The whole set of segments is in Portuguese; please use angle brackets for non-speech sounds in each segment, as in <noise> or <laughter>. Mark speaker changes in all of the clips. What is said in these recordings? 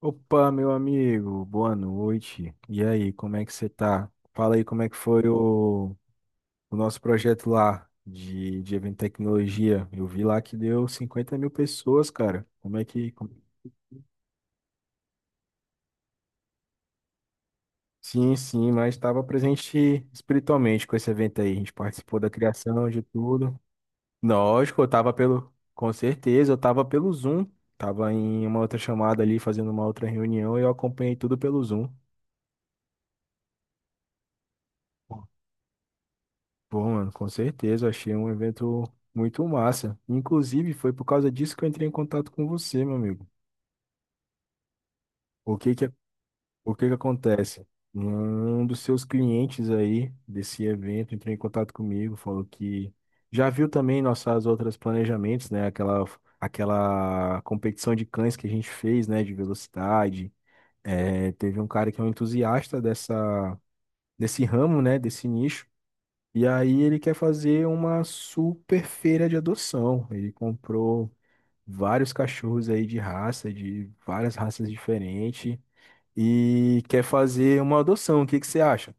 Speaker 1: Opa, meu amigo, boa noite. E aí, como é que você tá? Fala aí como é que foi o nosso projeto lá de evento e tecnologia. Eu vi lá que deu 50 mil pessoas, cara. Como é que. Como- Sim, sim, mas estava presente espiritualmente com esse evento aí. A gente participou da criação de tudo. Lógico, eu tava pelo. Com certeza, eu tava pelo Zoom. Tava em uma outra chamada ali, fazendo uma outra reunião, e eu acompanhei tudo pelo Zoom. Pô, mano, com certeza, eu achei um evento muito massa. Inclusive, foi por causa disso que eu entrei em contato com você, meu amigo. O que que, o que que acontece? Um dos seus clientes aí desse evento entrou em contato comigo, falou que já viu também nossas outras planejamentos, né? Aquela competição de cães que a gente fez, né? De velocidade. É, teve um cara que é um entusiasta desse ramo, né? Desse nicho. E aí ele quer fazer uma super feira de adoção. Ele comprou vários cachorros aí de raça, de várias raças diferentes, e quer fazer uma adoção. O que que você acha?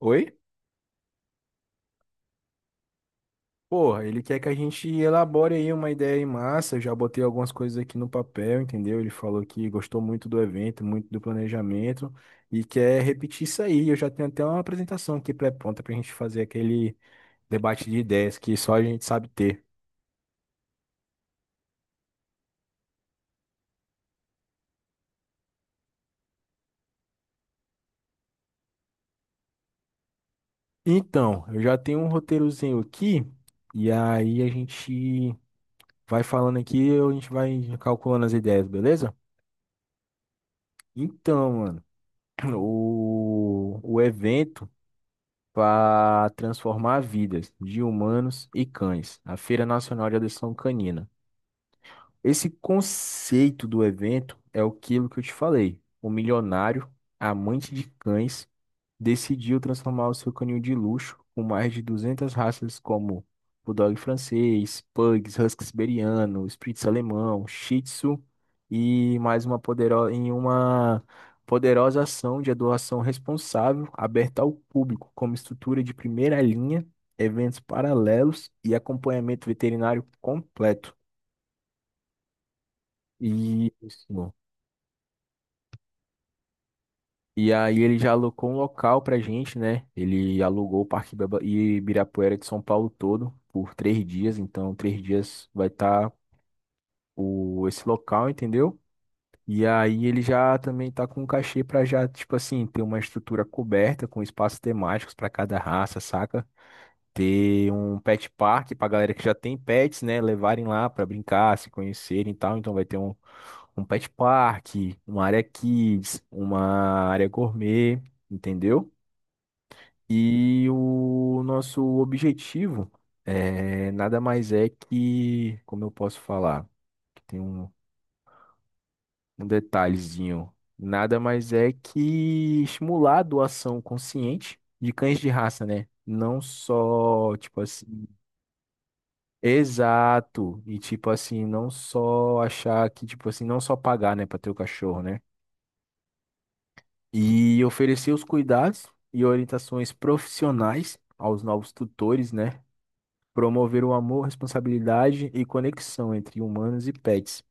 Speaker 1: Oi? Porra, ele quer que a gente elabore aí uma ideia em massa. Eu já botei algumas coisas aqui no papel, entendeu? Ele falou que gostou muito do evento, muito do planejamento e quer repetir isso aí. Eu já tenho até uma apresentação aqui pré-pronta pra gente fazer aquele debate de ideias que só a gente sabe ter. Então, eu já tenho um roteirozinho aqui, e aí a gente vai falando aqui, a gente vai calculando as ideias, beleza? Então, mano, <clears throat> o evento para transformar vidas de humanos e cães, a Feira Nacional de Adoção Canina. Esse conceito do evento é aquilo que eu te falei, o milionário, amante de cães decidiu transformar o seu canil de luxo com mais de 200 raças como Bulldog francês, Pugs, Husky siberiano, Spitz alemão, Shih Tzu e mais uma poderosa em uma poderosa ação de doação responsável aberta ao público como estrutura de primeira linha, eventos paralelos e acompanhamento veterinário completo. Isso. E aí ele já alocou um local pra gente, né? Ele alugou o Parque Ibirapuera de São Paulo todo por 3 dias. Então, 3 dias vai estar o esse local, entendeu? E aí ele já também tá com um cachê pra já, tipo assim, ter uma estrutura coberta com espaços temáticos pra cada raça, saca? Ter um pet park pra galera que já tem pets, né? Levarem lá pra brincar, se conhecerem e tal. Então vai ter um pet park, uma área kids, uma área gourmet, entendeu? E o nosso objetivo é nada mais é que, como eu posso falar, que tem um detalhezinho, nada mais é que estimular a doação consciente de cães de raça, né? Não só, tipo assim, exato, e tipo assim, não só achar que, tipo assim, não só pagar, né, para ter o cachorro, né? E oferecer os cuidados e orientações profissionais aos novos tutores, né? Promover o amor, responsabilidade e conexão entre humanos e pets.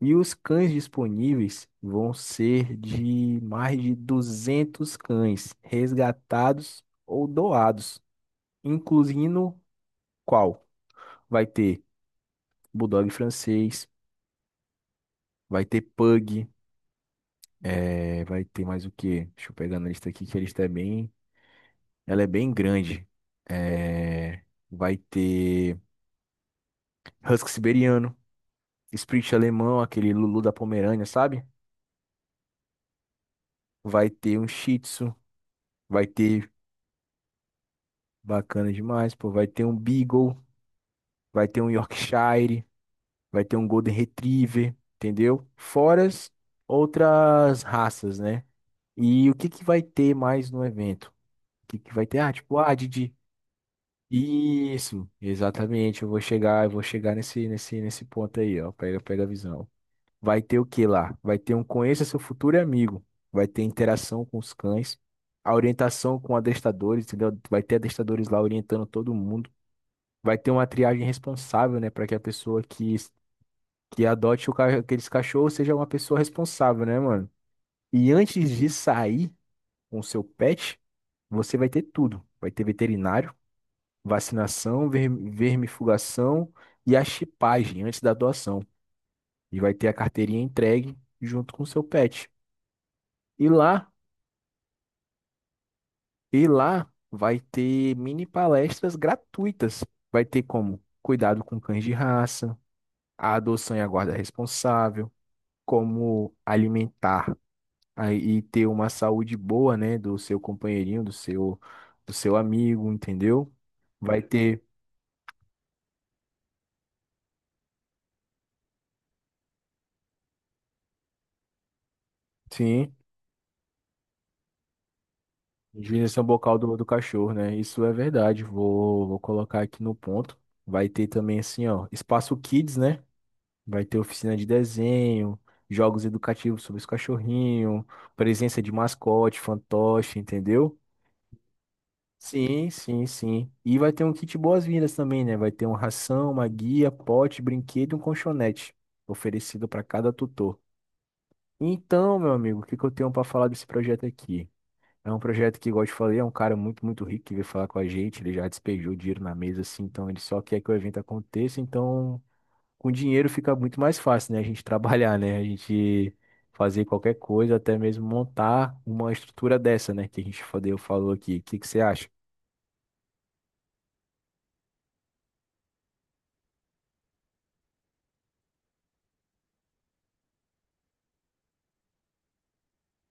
Speaker 1: E os cães disponíveis vão ser de mais de 200 cães resgatados ou doados, incluindo qual? Vai ter Bulldog francês, vai ter Pug, vai ter mais o quê? Deixa eu pegar na lista aqui que a lista é bem, ela é bem grande. Eh, Vai ter Husky siberiano, Spitz alemão, aquele Lulu da Pomerânia, sabe? Vai ter um Shih Tzu, vai ter bacana demais, pô, vai ter um Beagle, vai ter um Yorkshire, vai ter um Golden Retriever, entendeu? Fora as outras raças, né? E o que que vai ter mais no evento? O que que vai ter? Ah, tipo, ah, Didi. Isso, exatamente. Eu vou chegar nesse ponto aí, ó. Pega, pega a visão. Vai ter o que lá? Vai ter um conheça seu futuro amigo. Vai ter interação com os cães, a orientação com adestadores, entendeu? Vai ter adestadores lá orientando todo mundo. Vai ter uma triagem responsável, né? Para que a pessoa que adote aqueles cachorros seja uma pessoa responsável, né, mano? E antes de sair com o seu pet, você vai ter tudo. Vai ter veterinário, vacinação, vermifugação e a chipagem antes da doação. E vai ter a carteirinha entregue junto com o seu pet. E lá E lá vai ter mini palestras gratuitas. Vai ter como cuidado com cães de raça, a adoção e a guarda responsável, como alimentar e ter uma saúde boa, né, do seu companheirinho, do seu amigo, entendeu? Vai ter, sim, higienização bucal do cachorro, né? Isso é verdade. Vou colocar aqui no ponto. Vai ter também assim, ó, espaço kids, né? Vai ter oficina de desenho, jogos educativos sobre os cachorrinhos, presença de mascote, fantoche, entendeu? Sim, sim, sim. E vai ter um kit boas-vindas também, né? Vai ter uma ração, uma guia, pote, brinquedo e um colchonete oferecido para cada tutor. Então, meu amigo, o que que eu tenho para falar desse projeto aqui? É um projeto que, igual eu te falei, é um cara muito, muito rico que veio falar com a gente. Ele já despejou dinheiro na mesa, assim, então ele só quer que o evento aconteça. Então, com dinheiro fica muito mais fácil, né? A gente <laughs> trabalhar, né? A gente fazer qualquer coisa, até mesmo montar uma estrutura dessa, né? Que a gente fodeu falou aqui. O que que você acha?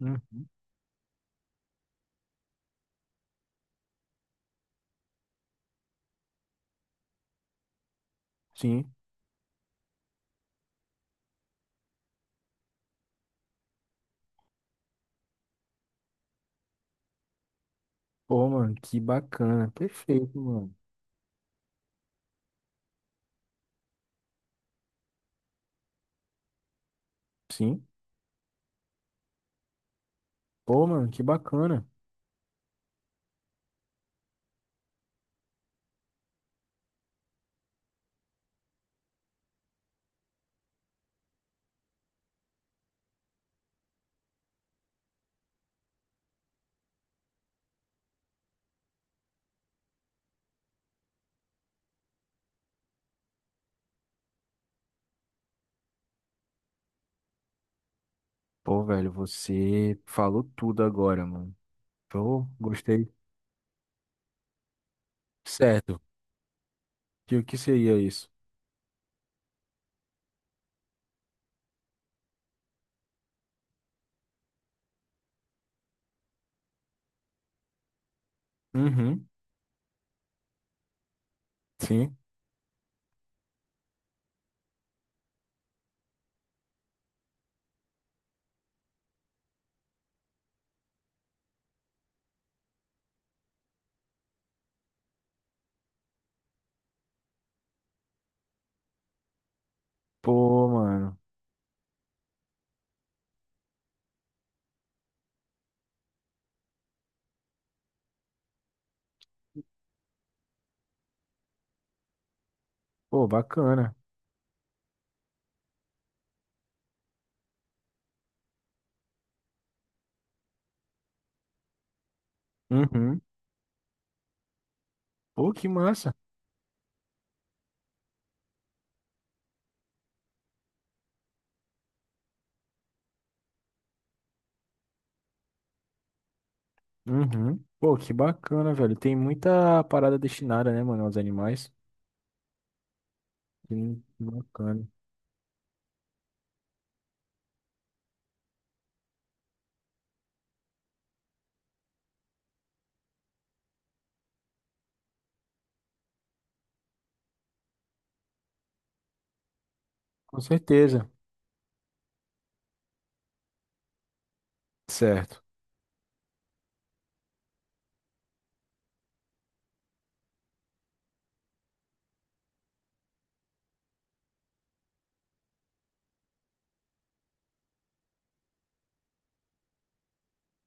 Speaker 1: Uhum. Sim. Pô, mano, que bacana. Perfeito, mano. Sim. Pô, mano, que bacana. Pô, velho, você falou tudo agora, mano. Pô, gostei. Certo. Que o que seria isso? Uhum. Sim. Pô, mano. Pô, bacana. Uhum. Pô, que massa. Uhum. Pô, que bacana, velho. Tem muita parada destinada, né, mano, aos animais. Sim, que bacana. Com certeza. Certo.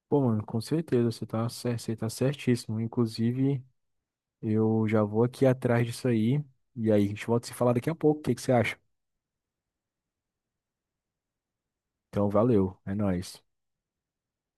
Speaker 1: Pô, mano, com certeza, você tá, você tá certíssimo. Inclusive, eu já vou aqui atrás disso aí. E aí, a gente volta a se falar daqui a pouco. O que que você acha? Então, valeu. É nóis.